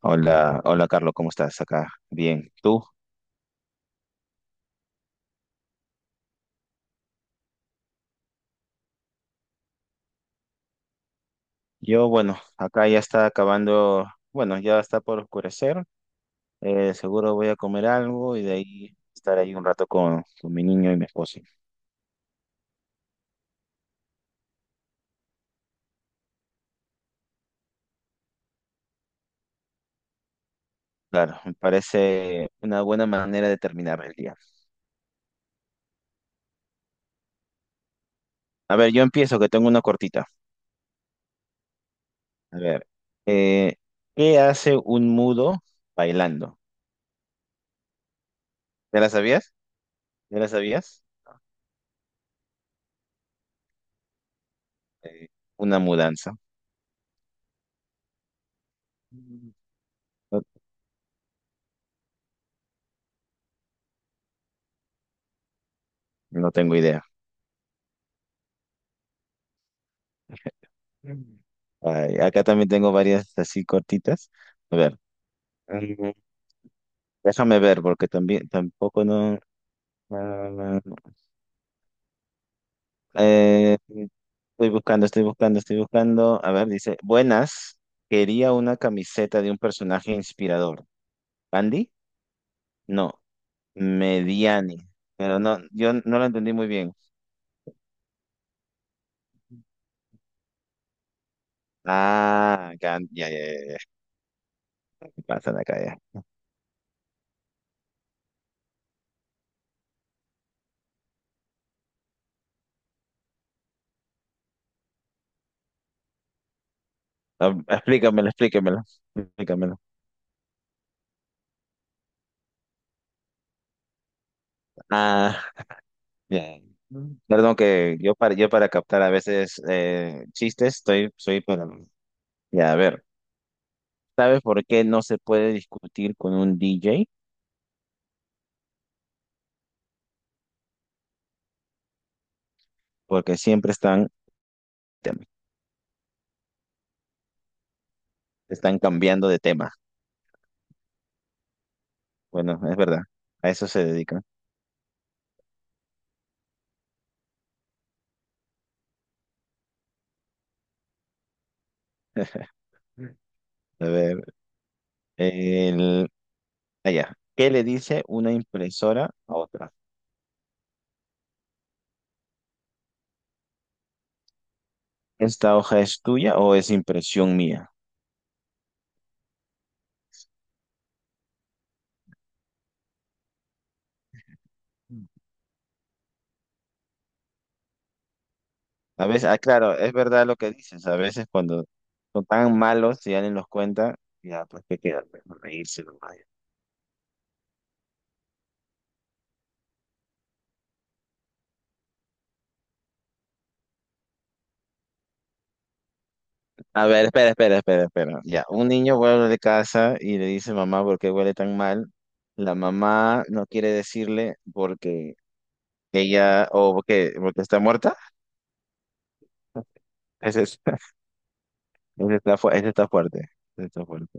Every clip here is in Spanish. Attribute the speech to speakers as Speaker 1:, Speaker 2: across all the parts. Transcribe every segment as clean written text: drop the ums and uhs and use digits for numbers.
Speaker 1: Hola, hola Carlos, ¿cómo estás acá? Bien, ¿tú? Yo, bueno, acá ya está acabando, bueno, ya está por oscurecer, seguro voy a comer algo y de ahí estar ahí un rato con mi niño y mi esposo. Claro, me parece una buena manera de terminar el día. A ver, yo empiezo, que tengo una cortita. A ver, eh, ¿qué hace un mudo bailando? ¿Ya la sabías? ¿Ya la sabías? Eh, una mudanza. No, no tengo idea. Mm. Ay, acá también tengo varias así cortitas. A ver, mm, déjame ver porque también tampoco no. ah, eh, estoy buscando. A ver, dice, buenas. Quería una camiseta de un personaje inspirador. ¿Andy? No, Mediani. Pero no, yo no lo entendí muy bien. Ah, ya, ya, ya, ya, ya. ¿Qué pasa acá ya? Ah, explícamelo, explícamelo, explícamelo. Ah, bien. Perdón que yo para captar a veces chistes, estoy, soy para... Ya, a ver, ¿sabes por qué no se puede discutir con un DJ? Porque siempre están, te- están cambiando de tema. Bueno, es verdad, a eso se dedican. A ver, el, allá. ¿Qué le dice una impresora a otra? ¿Esta hoja es tuya o es impresión mía? A veces, ah, claro, es verdad lo que dices. A veces cuando son tan malos y alguien los cuenta, ya, pues qué queda, pues, no reírse nomás. A ver, espera. Ya, un niño vuelve de casa y le dice mamá por qué huele tan mal. La mamá no quiere decirle porque ella, o porque está muerta. Ese, es- ese está fuerte. Ese está fuerte.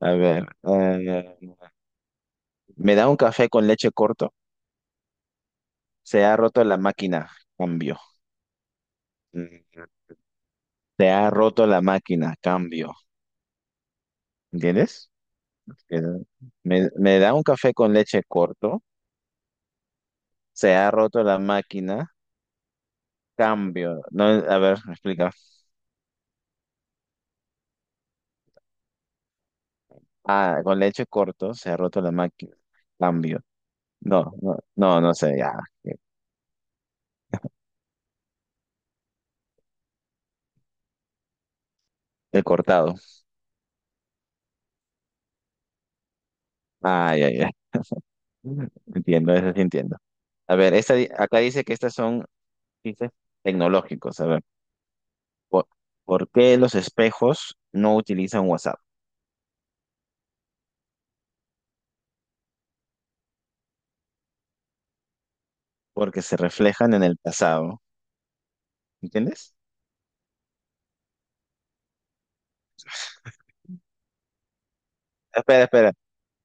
Speaker 1: A ver, me da un café con leche corto. Se ha roto la máquina. Cambio. Mm, Te ha roto la máquina, cambio. ¿Entiendes? Que me da un café con leche corto. Se ha roto la máquina, cambio. No, a ver, me explica. Ah, con leche corto, se ha roto la máquina, cambio. No, no, no, no sé, ya. He cortado. Ah, ya, ya. Entiendo, eso sí entiendo. A ver, acá dice que estas son dice, tecnológicos. A ver, ¿por, ¿por qué los espejos no utilizan WhatsApp? Porque se reflejan en el pasado. ¿Entiendes? Espera, espera,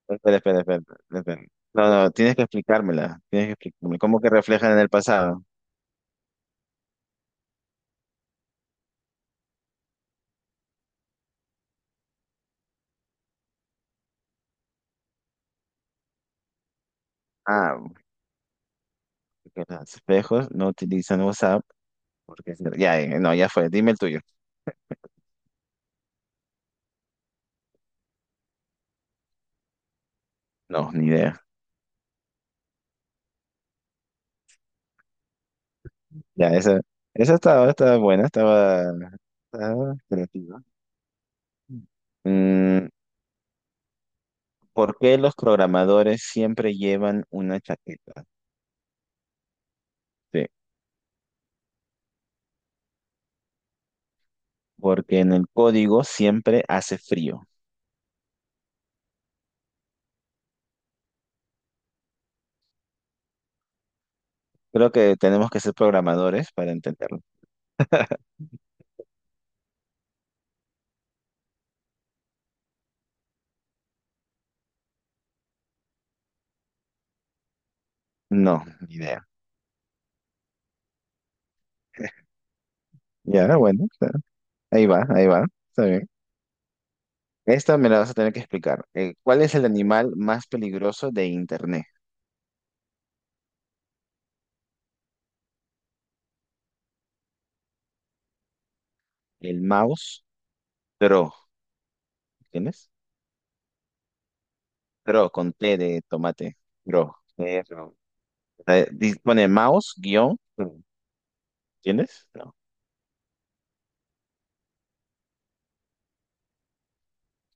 Speaker 1: espera, espera, espera, espera. No, no, tienes que explicármela, tienes que explicarme cómo que reflejan en el pasado. Ah, que los espejos no utilizan WhatsApp porque ya, no, ya fue, dime el tuyo. No, ni idea. Ya, estaba buena, estaba, estaba creativa. Mm, ¿Por qué los programadores siempre llevan una chaqueta? Sí, porque en el código siempre hace frío. Creo que tenemos que ser programadores para entenderlo. No, ni idea. Ya, bueno, está- ahí va, está bien. Esta me la vas a tener que explicar. ¿Cuál es el animal más peligroso de Internet? El mouse Dro. ¿Tienes? Dro, con T de tomate. Dro. Dro. Pone mouse guión Dro. ¿Tienes? No.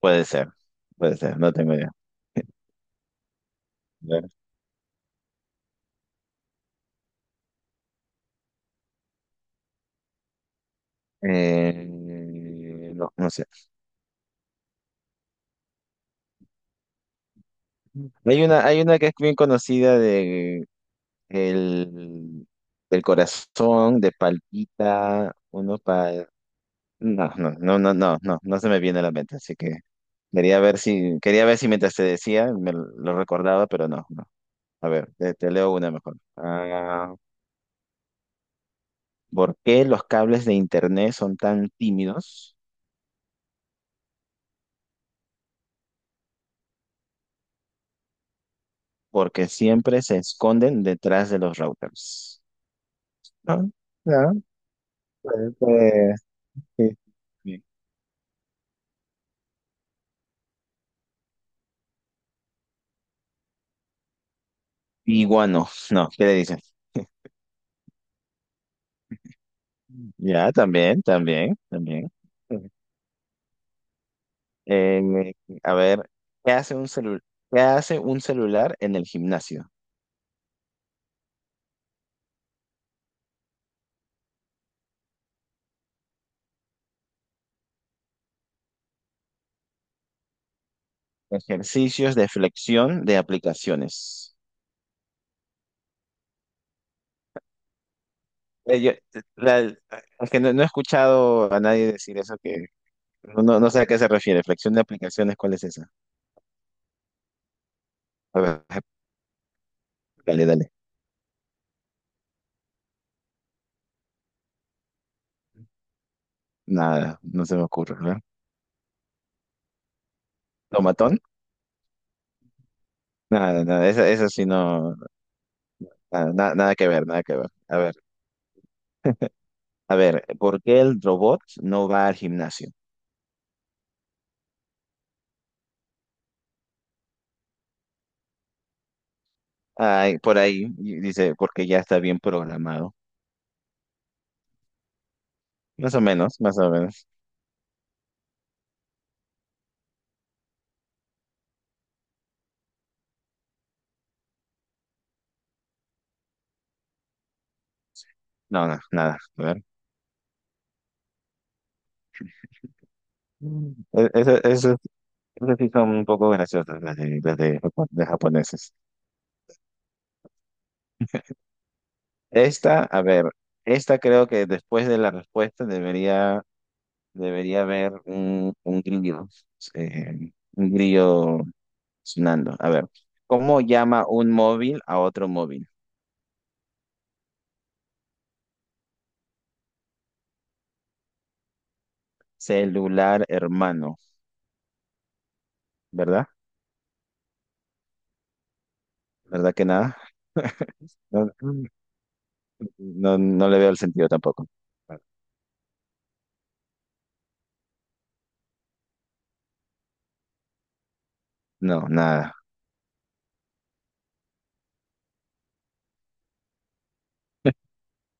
Speaker 1: Puede ser, puede ser, no tengo idea. Eh, no, no sé. Hay una que es bien conocida de el, del corazón, de palpita, uno para no, no, no, no, no, no, no se me viene a la mente, así que quería ver si mientras te decía lo recordaba, pero no, no. A ver, te leo una mejor. Ah, ¿por qué los cables de internet son tan tímidos? Porque siempre se esconden detrás de los routers. No, no, pues, pues, sí. Bien. Iguano, no, ¿qué le dicen? Ya, también, también, también. Eh, a ver, ¿qué hace un celu- ¿qué hace un celular en el gimnasio? Ejercicios de flexión de aplicaciones. Eh, yo- la- Aunque no, no he escuchado a nadie decir eso, que no sé a qué se refiere. Flexión de aplicaciones, ¿cuál es esa? A ver, dale, dale. Nada, no se me ocurre, ¿verdad? ¿Tomatón? Nada, nada, esa sí no, nada, nada que ver, nada que ver. A ver, a ver, ¿por qué el robot no va al gimnasio? Ay, por ahí y dice, porque ya está bien programado. Más o menos, más o menos. No, no, nada, a ver. Mm. Eso, eso esas sí son un poco graciosas las de de japoneses. Esta, a ver, esta creo que después de la respuesta debería, debería haber eh, un grillo sonando. A ver, ¿cómo llama un móvil a otro móvil? Celular hermano, ¿verdad? ¿Verdad que nada? No, no, no le veo el sentido tampoco. No, nada.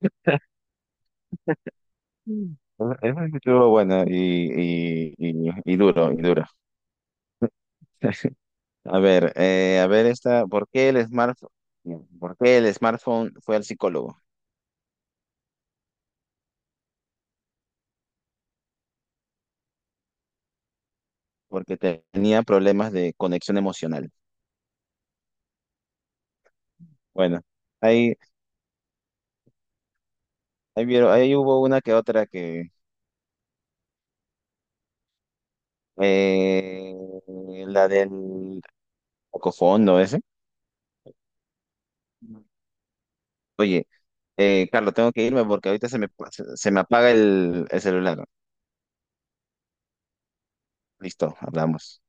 Speaker 1: Mm. Eso estuvo bueno y duro, y duro. A ver esta, ¿por qué el smartphone fue al psicólogo? Porque tenía problemas de conexión emocional. Bueno, ahí, ahí vieron, ahí hubo una que otra que, eh, la del cocofondo ese. Oye, Carlos, tengo que irme porque ahorita se me apaga el celular. Listo, hablamos.